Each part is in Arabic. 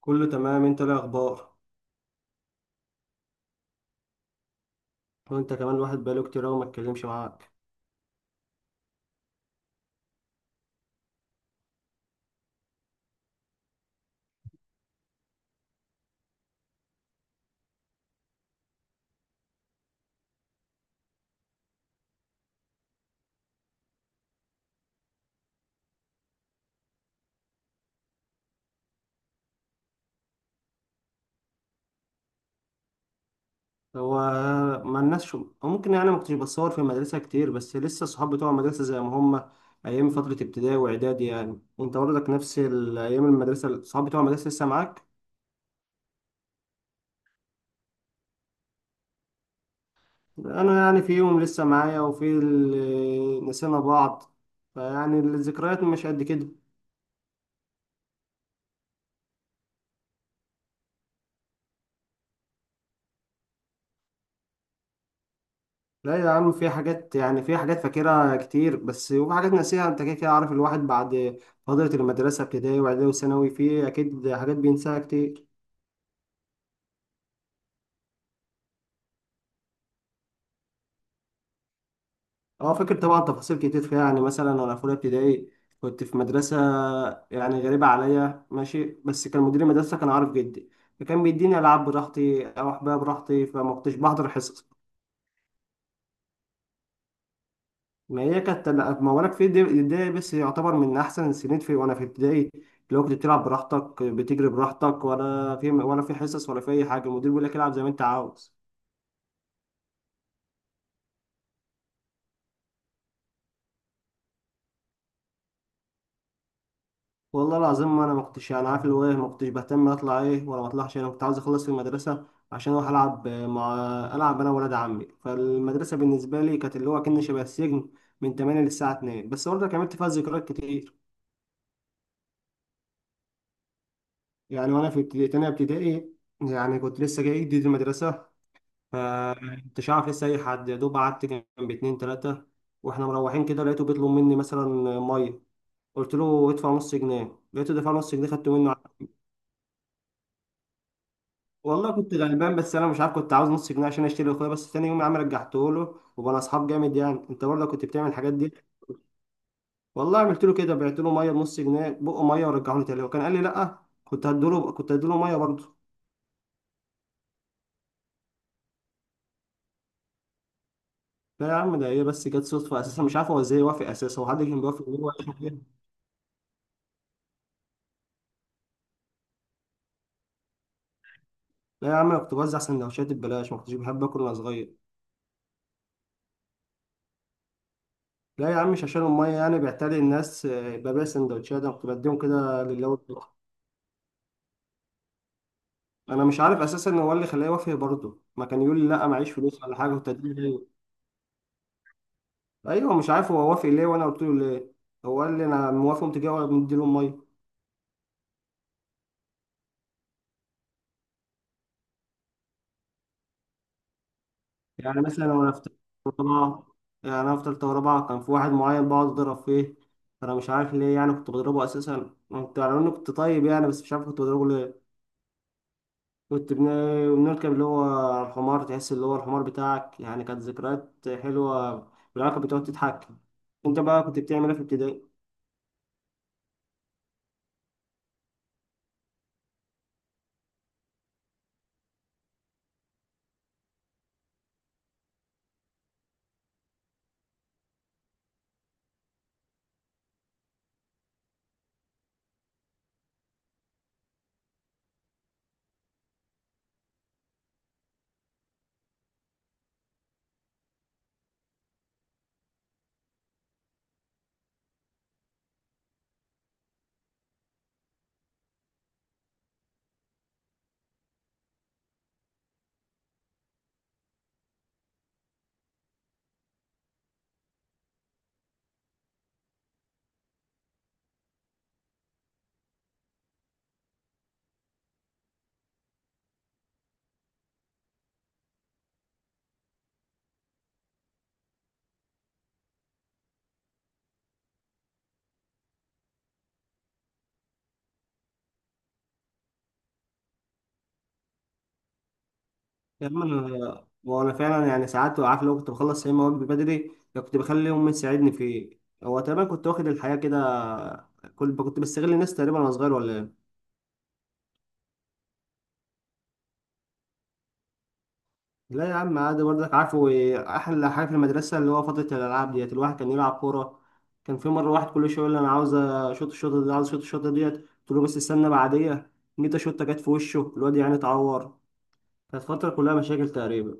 كله تمام، انت ايه الاخبار؟ وانت كمان، الواحد بقاله كتير قوي ما اتكلمش معاك. هو ما الناس شو أو ممكن يعني ما كنتش بتصور في المدرسه كتير، بس لسه الصحاب بتوع المدرسه زي ما هم. ايام فتره ابتدائي واعدادي، يعني انت برضك نفس ايام المدرسه الصحاب بتوع المدرسه لسه معاك. انا يعني فيهم لسه معايا وفي اللي نسينا بعض، فيعني الذكريات مش قد كده. لا يا عم، في حاجات يعني في حاجات فاكرها كتير، بس وفي حاجات ناسيها. انت كده كده عارف الواحد بعد فترة المدرسة ابتدائي واعدادي وثانوي في اكيد حاجات بينساها كتير. اه فاكر طبعا تفاصيل كتير فيها. يعني مثلا انا في اولى ابتدائي كنت في مدرسة يعني غريبة عليا، ماشي، بس كان مدير المدرسة كان عارف جدي، فكان بيديني العاب براحتي، اروح بيها براحتي، فما كنتش بحضر حصص. ما هي كانت، لا، ما وانا في ابتدائي بس يعتبر من احسن السنين في وانا في ابتدائي، اللي هو كنت بتلعب براحتك، بتجري براحتك، ولا في حصص ولا في اي حاجه، المدير بيقول لك العب زي ما انت عاوز. والله العظيم ما انا ما كنتش يعني عارف اللي هو إيه، ما كنتش بهتم اطلع ايه ولا ما اطلعش. انا كنت عاوز اخلص في المدرسه عشان اروح العب مع، العب انا وولاد عمي. فالمدرسه بالنسبه لي كانت اللي هو كأن شبه السجن من 8 للساعه 2، بس برضه كملت فيها ذكريات كتير. يعني وانا في ابتدائي، تانية ابتدائي يعني، كنت لسه جاي جديد المدرسه، فمكنتش عارف لسه اي حد، يا دوب قعدت جنب اتنين تلاتة. واحنا مروحين كده لقيته بيطلب مني مثلا ميه، قلت له ادفع نص جنيه، لقيته دفع نص جنيه، خدته منه. والله كنت غلبان، بس انا مش عارف كنت عاوز نص جنيه عشان اشتري اخويا، بس تاني يوم يا عم رجعته له وبقى اصحاب جامد. يعني انت برضه كنت بتعمل الحاجات دي. والله عملت له كده، بعت له ميه بنص جنيه، بقه ميه ورجعه لي تاني وكان قال لي لا، كنت هديله ميه برضه. لا يا عم، ده هي بس جت صدفه اساسا، مش عارف هو ازاي وافق اساسا، هو حد كان بيوافق ليه؟ لا يا عم، أنا كنت بوزع سندوتشات ببلاش، ما كنتش بحب آكل وأنا صغير. لا يا عم، مش عشان أمي يعني بيعتري الناس ببيع سندوتشات، أنا كنت بديهم كده لله والدكتور. أنا مش عارف أساسا هو اللي خلاه يوافق برضه، ما كان يقول لي لا معيش فلوس ولا حاجة وأنت هتديني ليه. أيوه مش عارف هو وافق ليه وأنا قلت له ليه. هو قال لي أنا موافق، ومتجوز ومديله أمي. يعني مثلا وأنا في تالتة ورابعة، كان في واحد معين بقعد أضرب فيه، أنا مش عارف ليه. يعني كنت بضربه أساسا، كنت على إنه كنت طيب يعني، بس مش عارف كنت بضربه ليه. كنت بنركب اللي هو الحمار، تحس اللي هو الحمار بتاعك. يعني كانت ذكريات حلوة، بالعلاقة بتقعد تضحك. انت بقى كنت بتعمل ايه في ابتدائي؟ يا عم انا وانا فعلا يعني ساعات عارف لو كنت بخلص يا اما واجبي بدري، يا كنت بخلي امي تساعدني فيه. هو تقريبا كنت واخد الحياة كده، كنت بستغل الناس تقريبا وانا صغير ولا إيه؟ لا يا عم عادي، برضك عارفه إيه، احلى حاجه في المدرسه اللي هو فتره الالعاب ديت، الواحد كان يلعب كوره. كان في مره واحد كل شويه يقول لي انا عاوز اشوط الشوطه دي، عاوز اشوط الشوطه ديت، قلت له بس استنى بعديه. جيت اشوطه، جت في وشه الواد، يعني اتعور. كانت فتره كلها مشاكل تقريبا.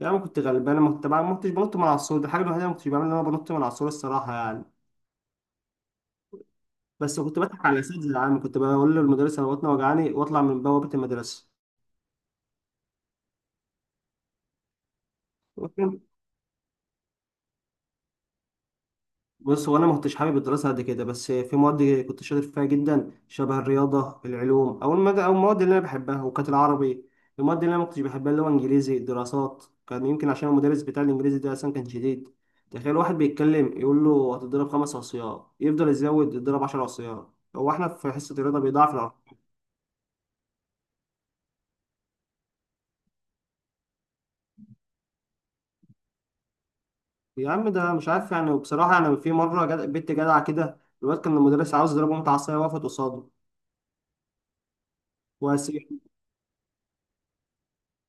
يعني كنت غلبان، ما كنتش بنط من على السور، دي الحاجه الوحيده اللي ما كنتش بعملها ان انا بنط من على السور الصراحه يعني. بس كنت بضحك على الاساتذه يا عم، كنت بقول للمدرس انا بطني وجعاني واطلع من بوابه المدرسه. بص، هو انا ما كنتش حابب الدراسه قد كده، بس في مواد كنت شاطر فيها جدا، شبه الرياضه العلوم او او المواد اللي انا بحبها وكانت العربي. المواد اللي انا ما كنتش بحبها اللي هو انجليزي دراسات، كان يمكن عشان المدرس بتاع الانجليزي ده اصلا كان شديد. تخيل واحد بيتكلم يقول له هتضرب خمس عصيان، يفضل يزود يضرب عشر عصيان. هو احنا في حصه الرياضه بيضاعف العربي. يا عم ده مش عارف يعني. وبصراحه انا في مره بنت جدعه كده، الواد كان المدرس عاوز يضربه متعصيه، وقفت قصاده.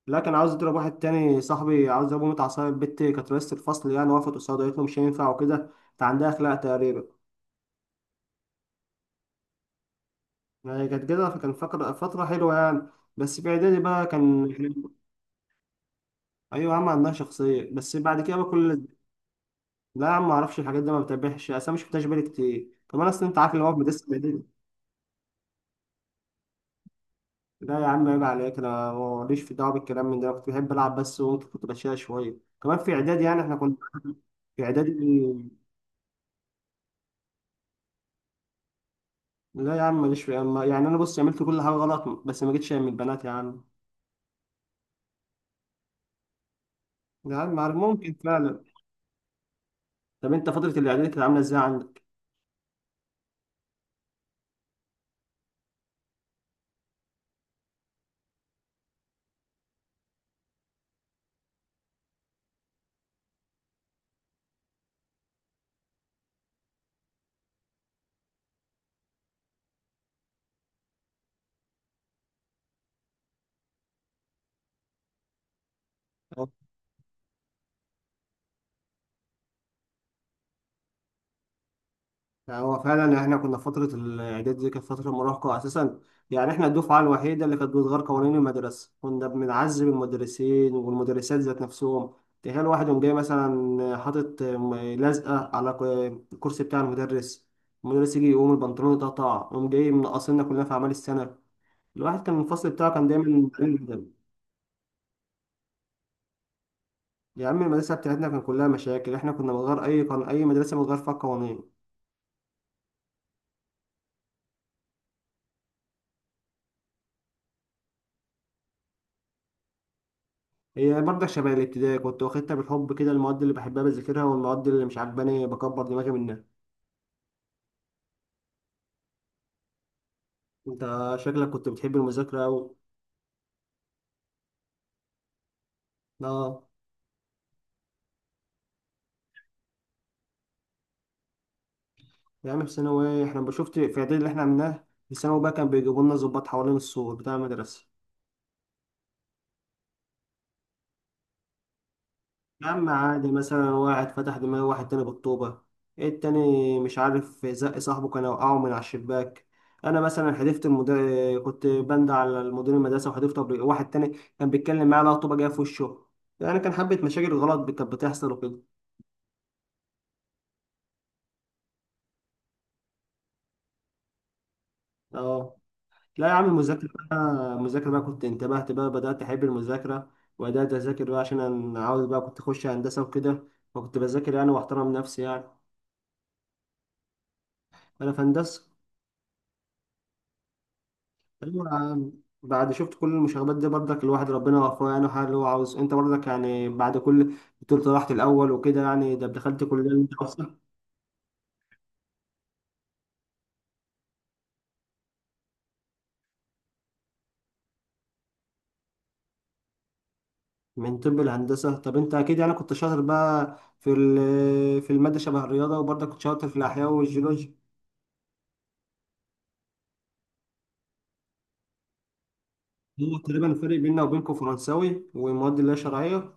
لا، كان عاوز يضرب واحد تاني صاحبي، عاوز يضربه متعة عصاية، البت كانت رئيسة الفصل يعني، وقفت قصاده قالت له مش هينفع وكده. انت عندها أخلاق تقريبا. يعني كانت كده، فكان فترة حلوة يعني. بس في إعدادي بقى كان. أيوة يا عم عندها شخصية، بس بعد كده بقى كل. لا يا عم معرفش الحاجات دي، ما بتابعش، أصل أنا مش بتابعش بالي كتير كمان، أصل أنت عارف اللي هو في مدرسة إعدادي. لا يا عم عيب عليك، أنا ماليش في دعوة بالكلام من ده، أنا كنت بحب ألعب بس، كنت بشيلها شوية كمان في إعدادي. يعني إحنا كنا في إعدادي. لا يا عم ماليش في أما يعني، انا بص عملت كل حاجه غلط، بس ما جيتش يعني من البنات يا عم. يا عم عارف، ممكن فعلا. طب انت فتره الاعداد كانت عامله ازاي عندك؟ أه. يعني هو فعلا احنا كنا فتره الاعداد دي كانت فتره مراهقه اساسا. يعني احنا الدفعه الوحيده اللي كانت بتغير قوانين المدرسه، كنا بنعذب المدرسين والمدرسات ذات نفسهم. تخيل واحد يوم جاي مثلا حاطط لزقه على الكرسي بتاع المدرس، المدرس يجي يقوم البنطلون يتقطع، يقوم جاي منقصنا كلنا في اعمال السنه. الواحد كان الفصل بتاعه كان دايما قليل جداً. يا عم المدرسة بتاعتنا كان كلها مشاكل، احنا كنا بنغير أي قانون، أي مدرسة بتغير فيها القوانين. هي برضه شبه الابتدائي، كنت واخدتها بالحب كده، المواد اللي بحبها بذاكرها والمواد اللي مش عجباني بكبر دماغي منها. انت شكلك كنت بتحب المذاكرة أوي. اه يا عم في ثانوي احنا شفت، في إعدادي اللي احنا عملناه في ثانوي بقى، كان بيجيبوا لنا ضباط حوالين السور بتاع المدرسة. يا عم عادي، مثلا واحد فتح دماغ واحد تاني بالطوبة، التاني مش عارف زق صاحبه كان وقعه من على الشباك. أنا مثلا حدفت المدير، كنت بند على المدير المدرسة وحدفت واحد تاني كان بيتكلم معايا لقى طوبة جاية في وشه. يعني كان حبة مشاكل غلط كانت بتحصل وكده. اه. لا يا عم المذاكرة بقى، المذاكرة بقى كنت انتبهت بقى بدأت أحب المذاكرة، وبدأت أذاكر بقى عشان أنا عاوز كنت أخش هندسة وكده، فكنت بذاكر يعني وأحترم نفسي يعني. أنا في هندسة. أيوة يا عم. بعد شفت كل المشاغبات دي برضك الواحد ربنا وفقه يعني، وحقق اللي هو عاوزه. انت برضك يعني بعد كل، بتقول طلعت الاول وكده يعني، ده دخلت كليه اللي انت عاوزها. من طب الهندسه، طب انت اكيد يعني كنت شاطر بقى في الماده شبه الرياضه، وبرضك كنت شاطر في الاحياء والجيولوجيا. هو تقريبا الفرق بيننا وبينكم فرنساوي ومواد اللي هي شرعيه.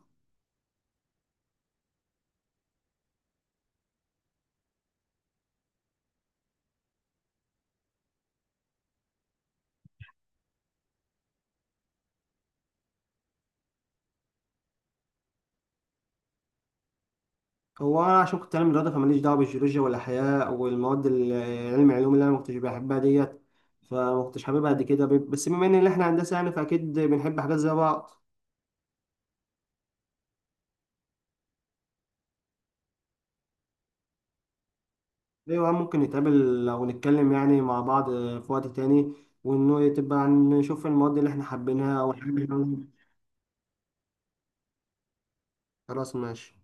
هو انا عشان كنت علم رياضه، فماليش دعوه بالجيولوجيا والاحياء والمواد علم العلوم اللي انا ما كنتش بحبها ديت، فما كنتش حاببها قد كده بس بما ان احنا هندسه يعني فاكيد بنحب حاجات زي بعض. ايوه ممكن نتقابل او نتكلم يعني مع بعض في وقت تاني، وانه تبقى نشوف المواد اللي احنا حابينها او الحاجات اللي إحنا-. خلاص ماشي.